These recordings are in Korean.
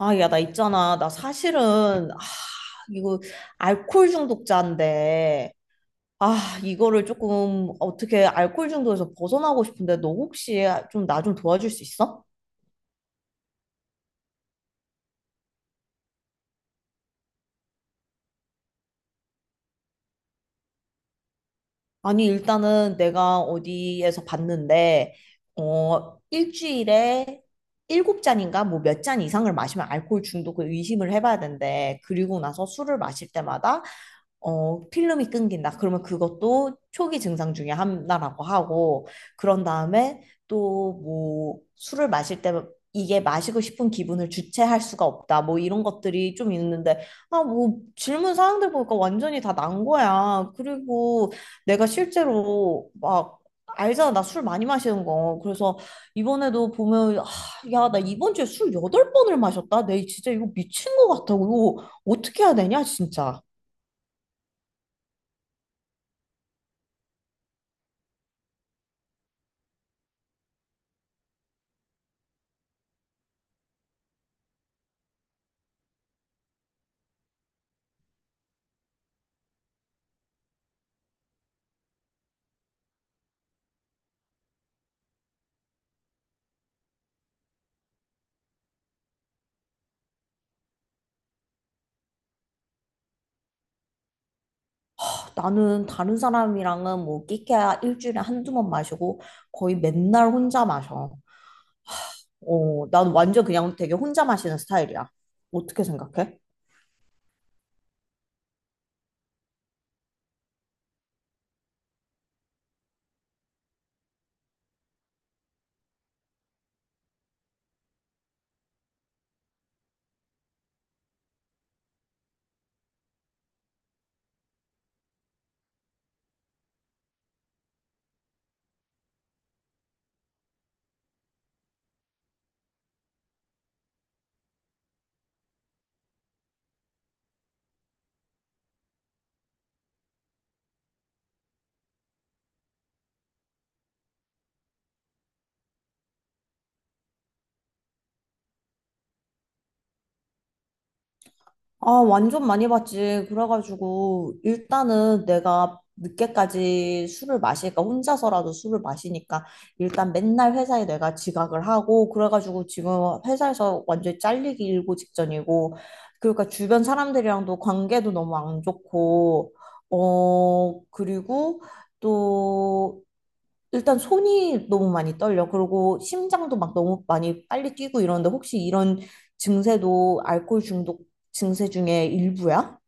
아, 야, 나 있잖아. 나 사실은, 아, 이거, 알코올 중독자인데. 아, 이거를 조금, 어떻게 알코올 중독에서 벗어나고 싶은데, 너 혹시 좀 나 좀 도와줄 수 있어? 아니, 일단은 내가 어디에서 봤는데, 어, 일주일에 일곱 잔인가, 뭐 몇 잔 이상을 마시면 알코올 중독을 의심을 해봐야 된대. 그리고 나서 술을 마실 때마다 어, 필름이 끊긴다. 그러면 그것도 초기 증상 중에 하나라고 하고, 그런 다음에 또 뭐 술을 마실 때 이게 마시고 싶은 기분을 주체할 수가 없다. 뭐 이런 것들이 좀 있는데, 아, 뭐 질문 사항들 보니까 완전히 다 난 거야. 그리고 내가 실제로 막, 알잖아. 나 술 많이 마시는 거. 그래서 이번에도 보면, 아, 야, 나 이번 주에 술 여덟 번을 마셨다. 내 진짜 이거 미친 거 같아. 이거 어떻게 해야 되냐, 진짜. 나는 다른 사람이랑은 뭐 끼케야 일주일에 한두 번 마시고 거의 맨날 혼자 마셔. 어, 난 완전 그냥 되게 혼자 마시는 스타일이야. 어떻게 생각해? 아, 완전 많이 봤지. 그래가지고, 일단은 내가 늦게까지 술을 마시니까, 혼자서라도 술을 마시니까, 일단 맨날 회사에 내가 지각을 하고, 그래가지고 지금 회사에서 완전히 잘리기 일고 직전이고, 그러니까 주변 사람들이랑도 관계도 너무 안 좋고, 어, 그리고 또, 일단 손이 너무 많이 떨려. 그리고 심장도 막 너무 많이 빨리 뛰고 이러는데 혹시 이런 증세도 알코올 중독 증세 중에 일부야?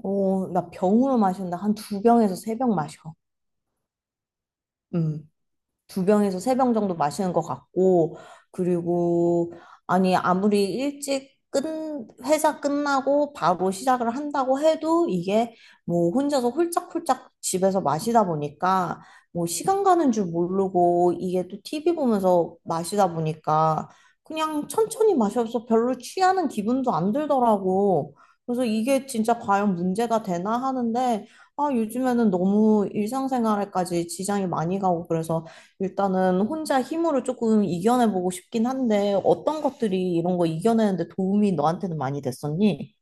어, 나 병으로 마신다. 한 두 병에서 3병 마셔. 음. 두 병에서 세 병 정도 마시는 것 같고, 그리고, 아니, 회사 끝나고 바로 시작을 한다고 해도 이게 뭐 혼자서 홀짝홀짝 집에서 마시다 보니까 뭐 시간 가는 줄 모르고 이게 또 TV 보면서 마시다 보니까 그냥 천천히 마셔서 별로 취하는 기분도 안 들더라고. 그래서 이게 진짜 과연 문제가 되나 하는데, 아, 요즘에는 너무 일상생활에까지 지장이 많이 가고 그래서 일단은 혼자 힘으로 조금 이겨내보고 싶긴 한데 어떤 것들이 이런 거 이겨내는데 도움이 너한테는 많이 됐었니?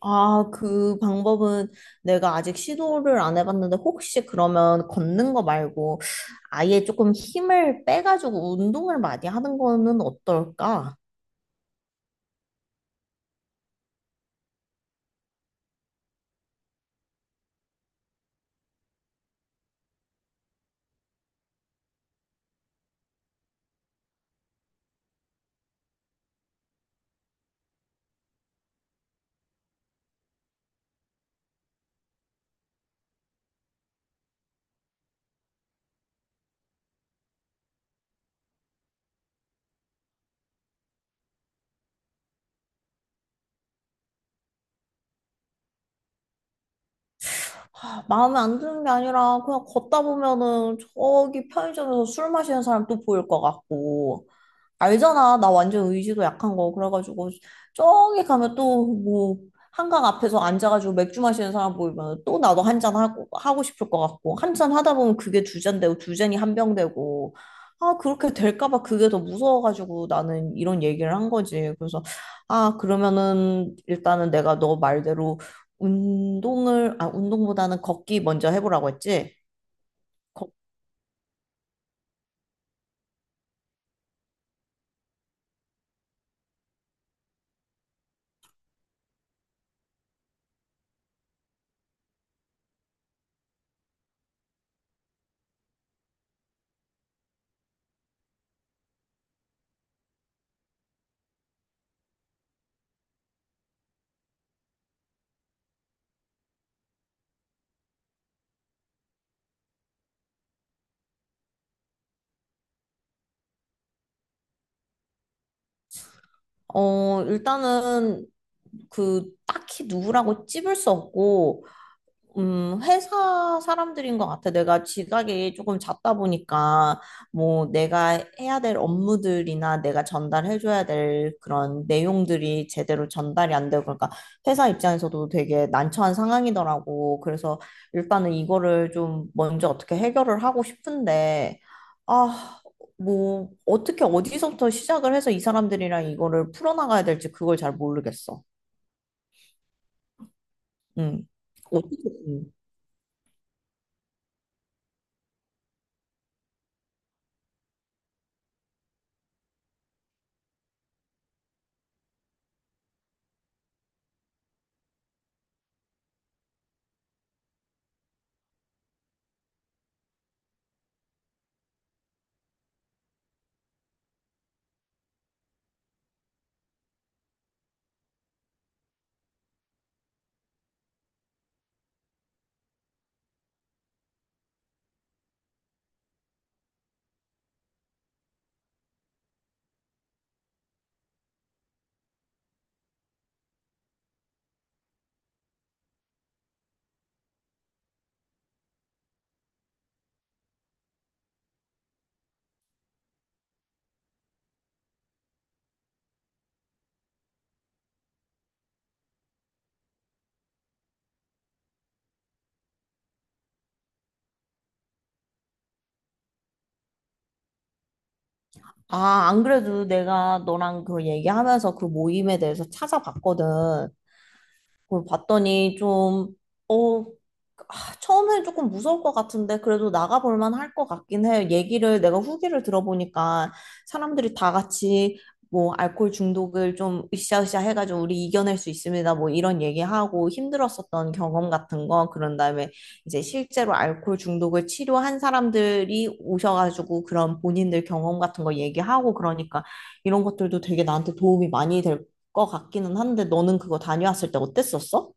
아, 그 방법은 내가 아직 시도를 안 해봤는데 혹시 그러면 걷는 거 말고 아예 조금 힘을 빼가지고 운동을 많이 하는 거는 어떨까? 아, 마음에 안 드는 게 아니라 그냥 걷다 보면은 저기 편의점에서 술 마시는 사람 또 보일 것 같고, 알잖아. 나 완전 의지도 약한 거. 그래가지고, 저기 가면 또, 뭐, 한강 앞에서 앉아가지고 맥주 마시는 사람 보이면 또 나도 1잔 하고, 하고 싶을 것 같고, 1잔 하다 보면 그게 2잔 되고, 두 잔이 1병 되고, 아, 그렇게 될까 봐 그게 더 무서워가지고 나는 이런 얘기를 한 거지. 그래서, 아, 그러면은, 일단은 내가 너 말대로 운동을, 아, 운동보다는 걷기 먼저 해보라고 했지? 걷- 어, 일단은 그 딱히 누구라고 찝을 수 없고 회사 사람들인 것 같아. 내가 지각이 조금 잦다 보니까, 뭐, 내가 해야 될 업무들이나 내가 전달해줘야 될 그런 내용들이 제대로 전달이 안 되고, 그러니까 회사 입장에서도 되게 난처한 상황이더라고. 그래서 일단은 이거를 좀 먼저 어떻게 해결을 하고 싶은데, 아, 뭐, 어떻게 어디서부터 시작을 해서 이 사람들이랑 이거를 풀어나가야 될지 그걸 잘 모르겠어. 음. 어떻게. 아, 안 그래도 내가 너랑 그 얘기하면서 그 모임에 대해서 찾아봤거든. 그걸 봤더니 좀, 어, 아, 처음엔 조금 무서울 것 같은데 그래도 나가볼 만할 것 같긴 해. 얘기를, 내가 후기를 들어보니까 사람들이 다 같이 뭐 알코올 중독을 좀 으쌰으쌰 해가지고 우리 이겨낼 수 있습니다. 뭐 이런 얘기하고 힘들었었던 경험 같은 거, 그런 다음에 이제 실제로 알코올 중독을 치료한 사람들이 오셔가지고 그런 본인들 경험 같은 거 얘기하고 그러니까 이런 것들도 되게 나한테 도움이 많이 될 것 같기는 한데 너는 그거 다녀왔을 때 어땠었어?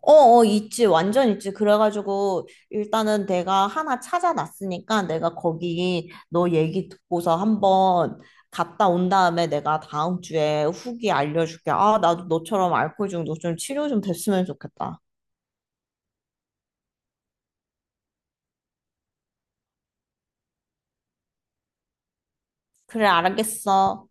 어, 어, 있지. 완전 있지. 그래가지고 일단은 내가 하나 찾아놨으니까 내가 거기 너 얘기 듣고서 한번 갔다 온 다음에 내가 다음 주에 후기 알려줄게. 아, 나도 너처럼 알코올 중독 좀 치료 좀 됐으면 좋겠다. 그래, 알겠어.